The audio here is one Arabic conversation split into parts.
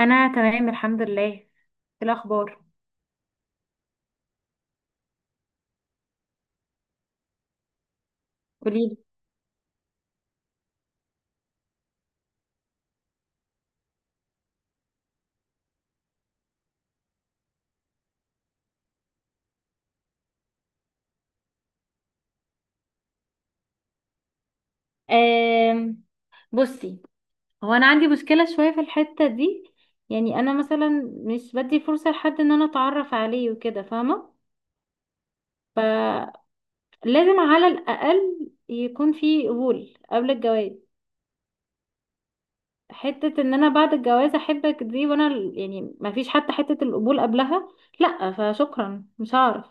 انا تمام الحمد لله. إيه الاخبار؟ قوليلي. آم، بصي، هو انا عندي مشكله شويه في الحته دي. يعني انا مثلا مش بدي فرصه لحد ان انا اتعرف عليه وكده، فاهمه؟ فلازم على الاقل يكون في قبول قبل الجواز. حته ان انا بعد الجواز احبك دي، وانا يعني ما فيش حتى حته القبول قبلها، لا فشكرا، مش هعرف.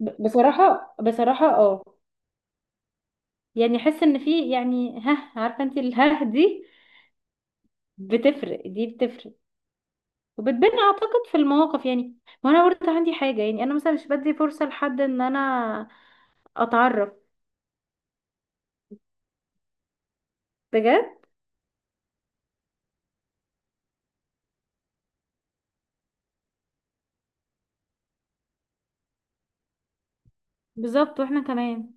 بصراحه اه. يعني احس ان في، يعني ها، عارفه انت، الها دي بتفرق، دي بتفرق وبتبان اعتقد في المواقف، يعني. وانا برضه عندي حاجه، يعني انا مثلا مش بدي فرصه لحد ان انا اتعرف، بجد. بالظبط، واحنا كمان.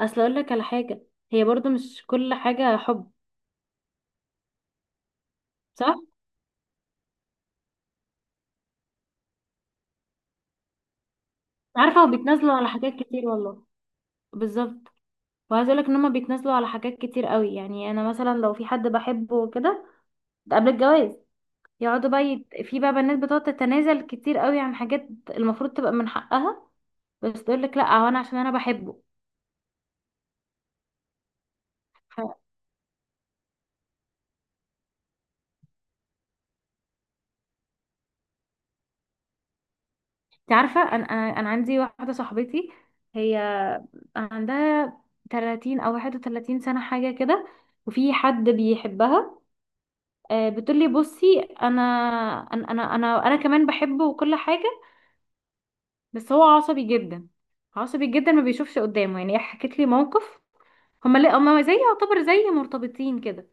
اصل اقول لك على حاجه، هي برضه مش كل حاجه حب. صح. عارفه، هو بيتنازلوا على حاجات كتير والله. بالظبط. وعايزه اقول لك ان هم بيتنازلوا على حاجات كتير قوي. يعني انا مثلا لو في حد بحبه وكده، ده قبل الجواز، يقعدوا بقى في بقى بنات بتقعد تتنازل كتير قوي عن حاجات المفروض تبقى من حقها، بس تقول لك لا، هو انا عشان انا بحبه. ف- انت عارفه، انا أنا عندي واحده صاحبتي، هي عندها 30 او 31 سنه حاجه كده، وفي حد بيحبها. بتقول لي بصي، انا انا كمان بحبه وكل حاجه، بس هو عصبي جدا، عصبي جدا، ما بيشوفش قدامه. يعني هي حكت لي موقف، هما لا هما زي يعتبر زي مرتبطين كده.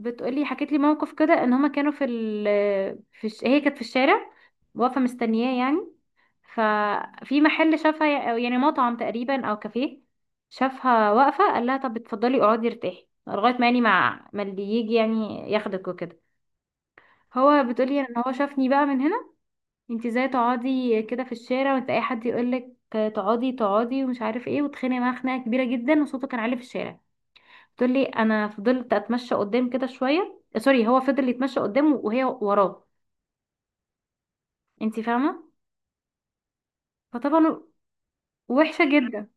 بتقولي، حكيت لي موقف كده، ان هما كانوا في هي كانت في الشارع واقفه مستنياه يعني، ففي محل شافها، أو يعني مطعم تقريبا او كافيه، شافها واقفه قال لها طب اتفضلي اقعدي ارتاحي لغايه ما، يعني مع ما اللي يجي يعني ياخدك وكده. هو بتقولي ان هو شافني بقى من هنا. انت ازاي تقعدي كده في الشارع، وانت اي حد يقولك تقعدي تقعدي ومش عارف ايه، وتخانق معاه خناقه كبيره جدا وصوته كان عالي في الشارع. تقول لي انا فضلت اتمشى قدام كده شويه، سوري هو فضل يتمشى قدامه وهي وراه. انت فاهمه؟ فطبعا وحشه جدا.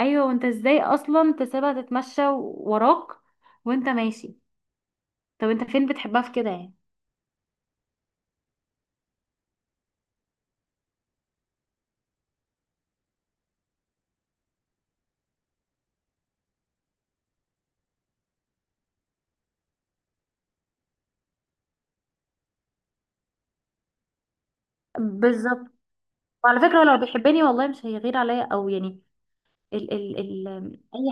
ايوه، وانت ازاي اصلا تسيبها تتمشى وراك وانت ماشي؟ طب انت فين بتحبها في كده يعني؟ بالظبط. وعلى فكره، هو لو بيحبني والله مش هيغير عليا او يعني، ال ال ال اي.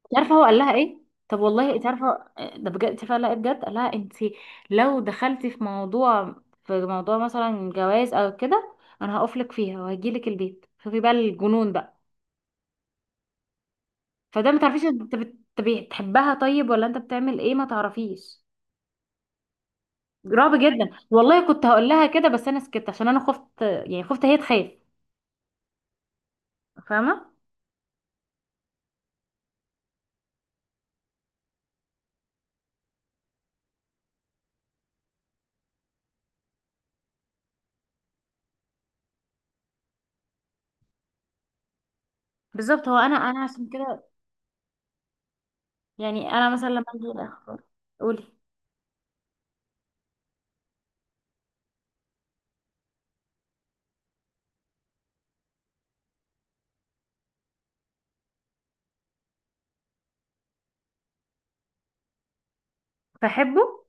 انت عارفه هو قال لها ايه؟ طب والله انت عارفه، ده بجد، انت فعلا بجد، قال لها انت لو دخلتي في موضوع، في موضوع مثلا جواز او كده، انا هقف لك فيها وهجي لك البيت. شوفي بقى الجنون بقى. فده ما تعرفيش انت بتحبها طيب ولا انت بتعمل ايه، ما تعرفيش. رعب جدا والله. كنت هقول لها كده بس انا سكت عشان انا خفت، يعني خفت هي تخاف. فاهمه؟ بالظبط. هو انا عشان كده يعني، انا مثلا لما اجي الاخبار. قولي. بحبه.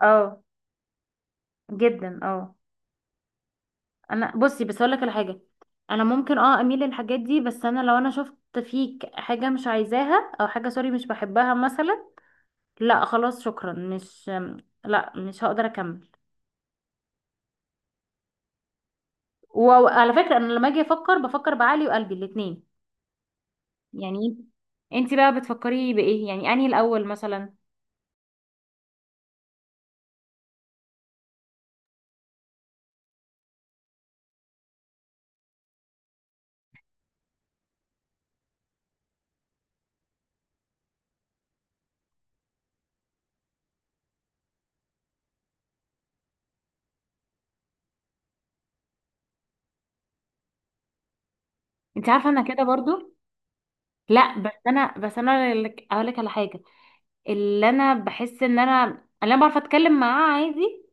اه جدا اه. انا بصي، بس اقول لك على حاجه، انا ممكن اه اميل للحاجات دي، بس انا لو انا شفت فيك حاجه مش عايزاها، او حاجه سوري مش بحبها مثلا، لا خلاص شكرا، مش، لا مش هقدر اكمل. وعلى فكره انا لما اجي افكر بفكر بعقلي وقلبي الاتنين. يعني انت بقى بتفكري بايه يعني، انهي الاول مثلا؟ انت عارفه انا كده برضو. لا بس انا اقول لك على حاجه، اللي انا بحس ان انا، اللي انا بعرف اتكلم معاه عادي،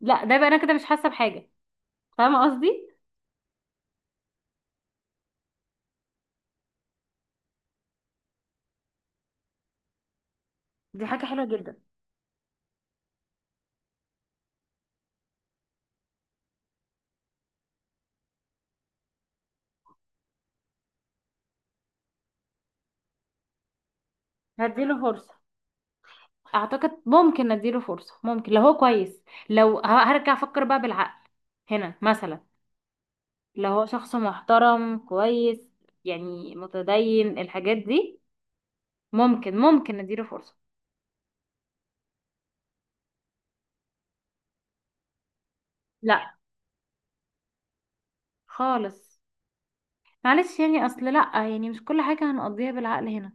لا ده بقى انا كده مش حاسه بحاجه. فاهمه قصدي؟ دي حاجة حلوة جدا. هديله فرصة، اعتقد ممكن نديله فرصة، ممكن لو هو كويس، لو هرجع افكر بقى بالعقل هنا مثلا. لو هو شخص محترم كويس، يعني متدين الحاجات دي، ممكن ممكن نديله فرصة. لا خالص، معلش يعني، اصل لا يعني مش كل حاجة هنقضيها بالعقل هنا.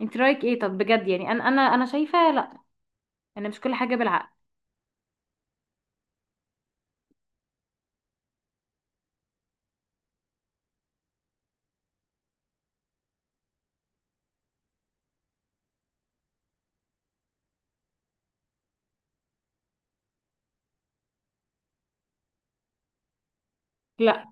انت رايك ايه طب بجد؟ يعني انا انا شايفة لا، انا مش كل حاجة بالعقل. لا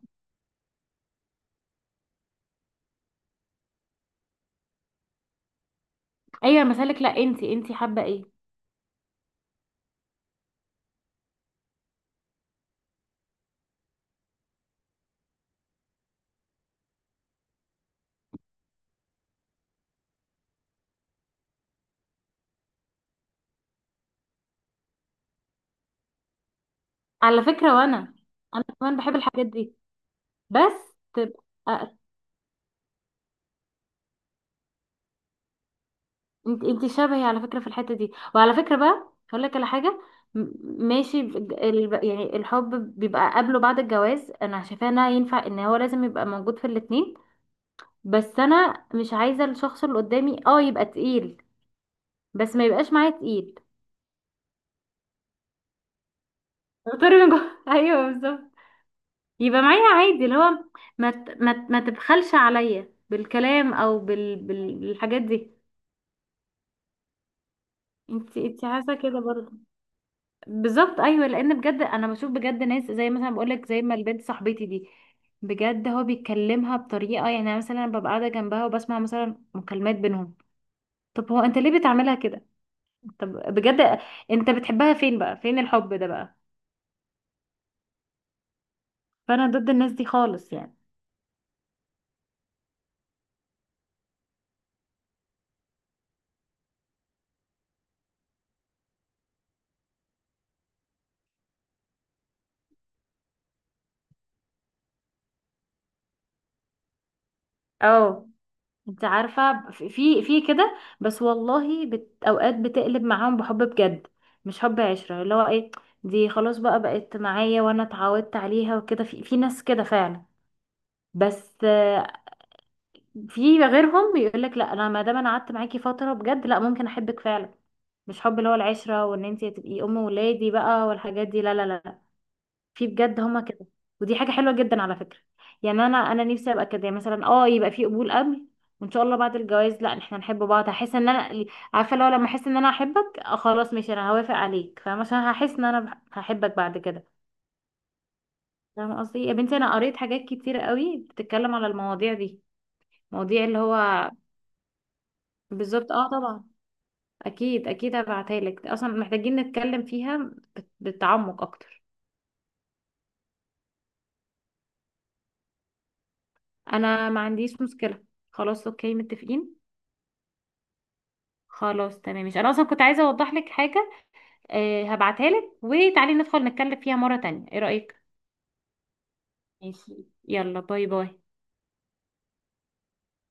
اي مسالك، لا انت، انت حابة ايه؟ على فكرة وانا، انا كمان بحب الحاجات دي، بس تبقى. انت، انت شبهي على فكرة في الحتة دي، وعلى فكرة بقى هقول لك على حاجة. م- ماشي يعني الحب بيبقى قبله بعد الجواز انا شايفاه انها ينفع ان هو لازم يبقى موجود في الاتنين، بس انا مش عايزة الشخص اللي قدامي اه يبقى تقيل، بس ما يبقاش معايا تقيل. طارق من جوه. ايوه بالظبط. يبقى معايا عادي اللي هو ما تبخلش عليا بالكلام او بالحاجات دي. انت، انت حاسة كده برضه؟ بالظبط. ايوه، لان بجد انا بشوف بجد ناس زي مثلا بقول لك زي ما البنت صاحبتي دي، بجد هو بيكلمها بطريقه، يعني أنا مثلا ببقى قاعده جنبها وبسمع مثلا مكالمات بينهم. طب هو انت ليه بتعملها كده؟ طب بجد، انت بتحبها فين بقى، فين الحب ده بقى؟ فانا ضد الناس دي خالص يعني. اه، انت عارفه في كده، بس والله اوقات بتقلب معاهم بحب بجد، مش حب عشره اللي هو ايه، دي خلاص بقى بقت معايا وانا اتعودت عليها وكده. في في ناس كده فعلا، بس في غيرهم يقول لك لا، انا ما دام انا قعدت معاكي فتره بجد لا ممكن احبك فعلا، مش حب اللي هو العشره وان انت تبقي ام ولادي بقى والحاجات دي، لا لا لا لا. في بجد هما كده، ودي حاجه حلوه جدا على فكره. يعني انا، انا نفسي ابقى كده يعني، مثلا اه يبقى في قبول قبل، وان شاء الله بعد الجواز لا احنا نحب بعض. هحس ان انا، عارفه لو لما احس ان انا احبك، خلاص ماشي انا هوافق عليك. فاهمه؟ عشان هحس ان انا هحبك بعد كده. فاهمه قصدي؟ يا بنتي انا قريت حاجات كتير قوي بتتكلم على المواضيع دي، مواضيع اللي هو، بالظبط اه طبعا. اكيد اكيد هبعتها لك، اصلا محتاجين نتكلم فيها بتعمق اكتر. انا ما عنديش مشكله، خلاص اوكي متفقين. خلاص تمام، مش انا اصلا كنت عايزه اوضح لك حاجه. آه هبعتها لك وتعالي ندخل نتكلم فيها مره تانية، ايه رايك؟ ماشي، يلا، باي باي.